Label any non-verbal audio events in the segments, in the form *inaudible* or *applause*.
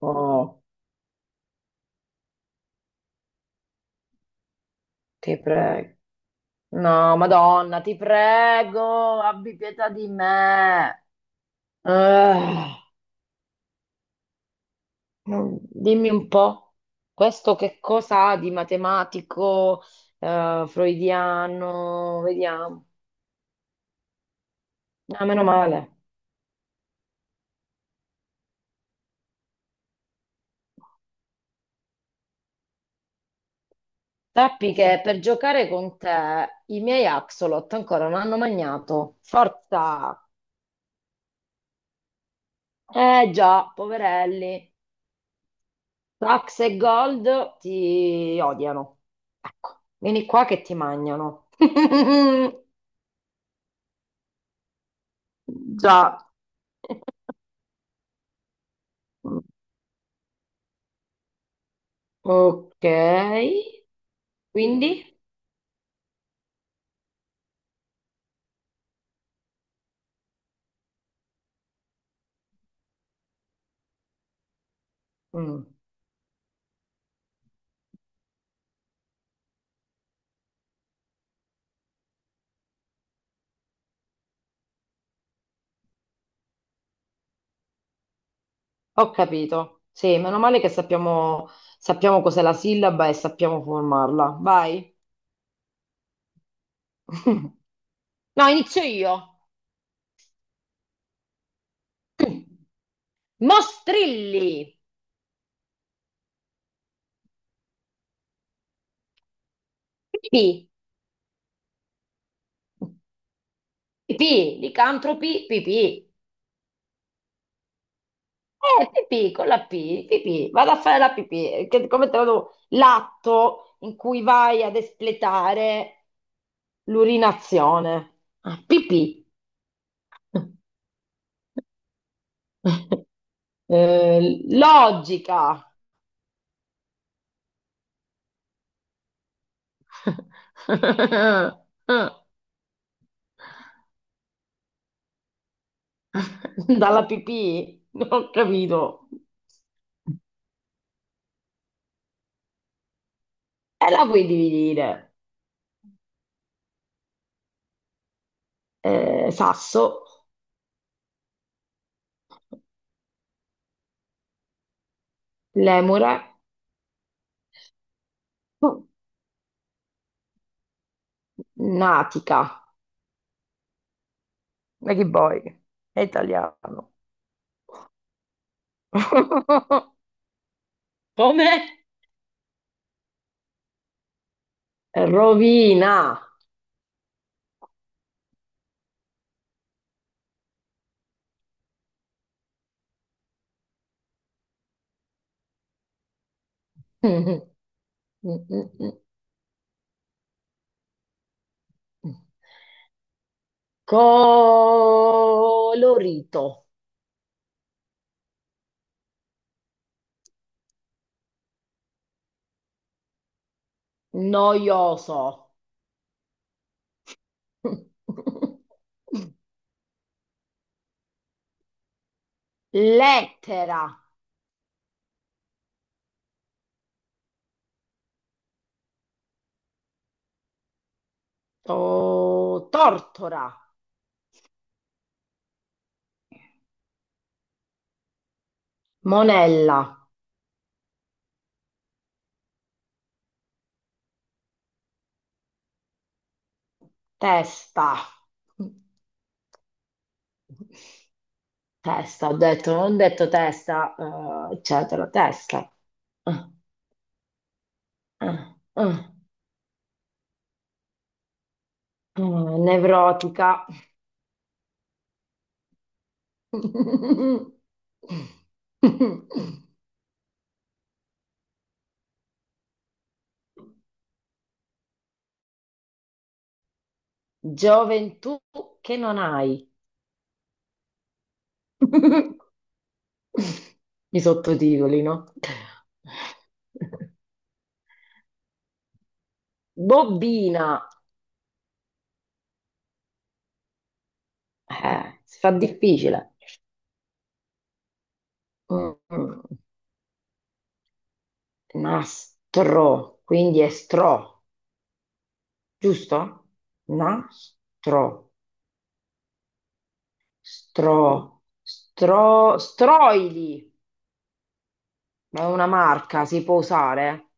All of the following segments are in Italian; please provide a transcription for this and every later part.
Oh, ti prego. No, Madonna, ti prego, abbi pietà di me. Ah, dimmi un po', questo che cosa ha di matematico, freudiano? Vediamo. Ah, meno male. Sappi che per giocare con te i miei axolot ancora non hanno mangiato. Forza! Eh già, poverelli. Tax e Gold ti odiano. Ecco, vieni qua che ti mangiano. *laughs* Già. Ok, quindi, Mm, ho capito. Sì, meno male che sappiamo cos'è la sillaba e sappiamo formarla. Vai. *laughs* No, inizio io. Mostrilli. Pipì. Pipì. Licantropi. Pipì. Pipì, con la P, pipì, vado a fare la pipì, che, come te lo l'atto in cui vai ad espletare l'urinazione. Ah, pipì. *laughs* Logica. *laughs* Dalla pipì? Non ho capito. E la puoi dividere. Sasso, lemure, natica. Ma che vuoi? È italiano. *laughs* Come? Rovina. *laughs* Colorito. Noioso. *laughs* Lettera. Tortora. Monella. Testa. Testa, ho detto, non ho detto testa, eccetera, testa. Ah, ah, ah, ah, nevrotica. *laughs* Gioventù che non hai. *laughs* I sottotitoli, no? Bobbina. Si fa difficile. Mm, mm. Nastro, quindi è stro, giusto? Nastro, stro, stro, stroili. Ma è una marca, si può usare?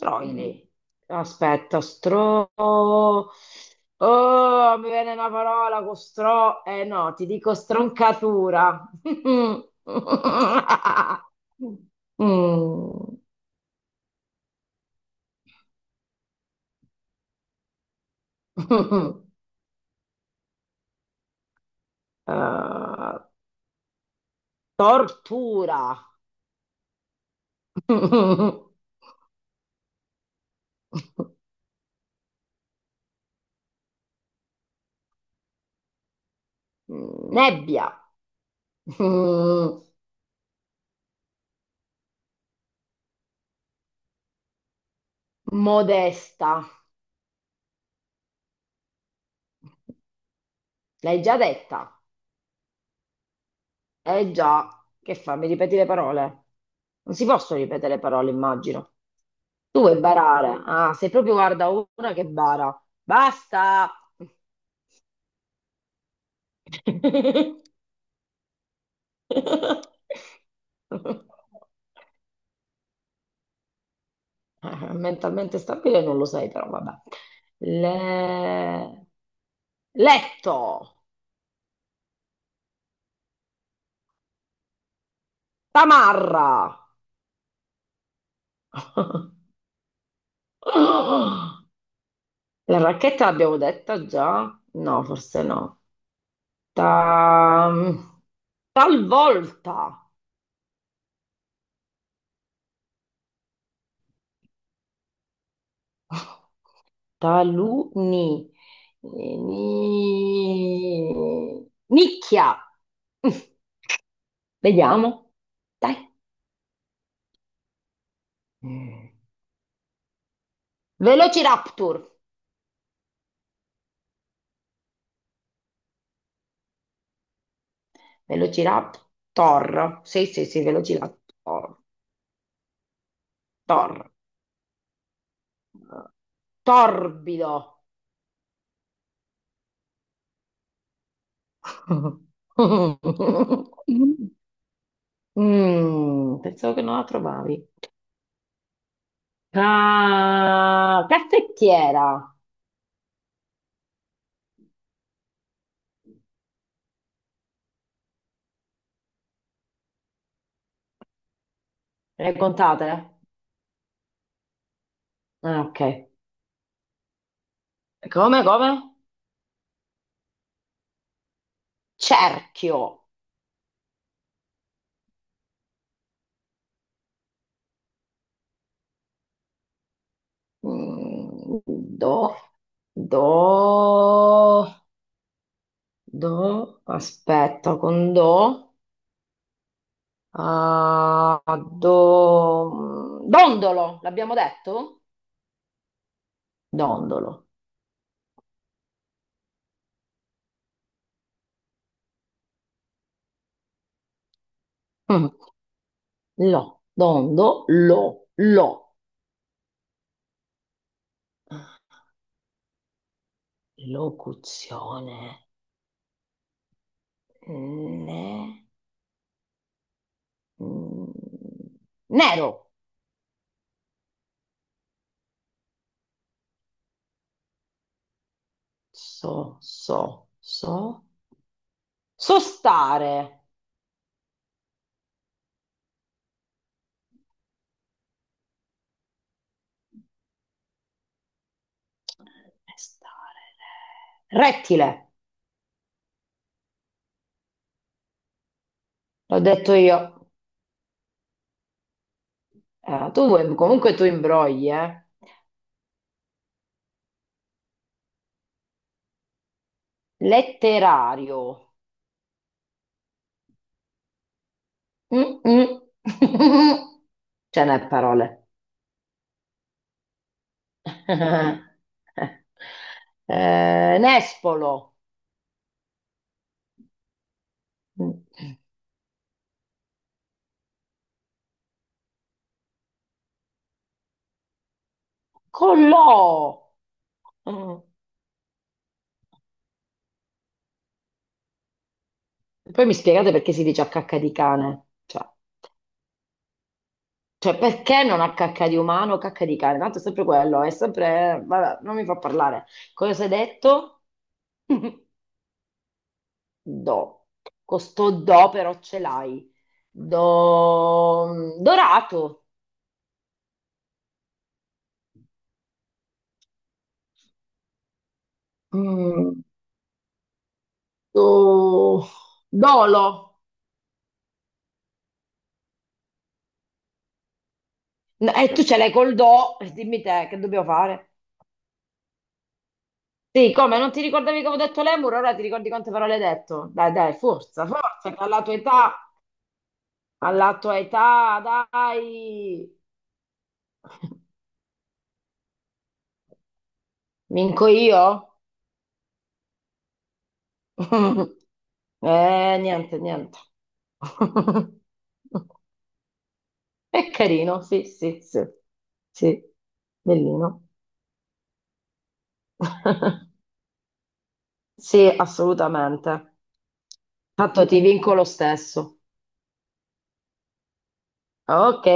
Troili. Aspetta, stro... Oh, mi viene una parola con stro... Eh no, ti dico stroncatura. *laughs* Mm. *laughs* Eh, tortura. *laughs* Nebbia. Mm, Modesta. L'hai già detta? Eh già. Che fa? Mi ripeti le parole? Non si possono ripetere le parole, immagino. Tu vuoi barare? Ah, sei proprio, guarda, una che bara. Basta! *laughs* Mentalmente stabile non lo sei, però vabbè. Le- Letto! Tamarra! *laughs* La racchetta l'abbiamo detta già? No, forse no. Ta- Talvolta! Taluni. Nicchia. Mm, Vediamo. Dai. Mm. Velociraptor. Velociraptor. Sì, sì, sì, Velociraptor. Tor. Torbido. *laughs* Pensavo che non la trovavi. Caffettiera. Le contate? Ah, ok. Come, come? Cerchio. Mm, Do, do, do, aspetta, con do, ah, do, dondolo, l'abbiamo detto? Dondolo. Mm, lo, dondo, lo, lo. Locuzione. Ne, mm, nero. So, so, so. Sostare. Pestare re. Rettile, l'ho detto io. Tu comunque tu imbrogli, eh. Letterario. Mm, mm. *laughs* Ce n'è parole. *laughs* Nespolo. Collò. Mm. Poi mi spiegate perché si dice a cacca di cane? Cioè, cioè, perché non a cacca di umano, cacca di cane? Tanto è sempre quello, è sempre... Vabbè, non mi fa parlare. Cosa hai detto? *laughs* Do. Questo do però ce l'hai. Do... Dorato. Mm, do... Dolo. No, e tu ce l'hai col do. E dimmi te, che dobbiamo fare? Sì, come? Non ti ricordavi che avevo detto lemur? Ora ti ricordi quante parole hai detto? Dai, dai, forza, forza, che alla tua età, dai. Vinco io? *laughs* Niente, niente. *laughs* È carino, sì, sì, sì, sì, bellino. *laughs* Sì, assolutamente. Tanto ti vinco lo stesso. Ok.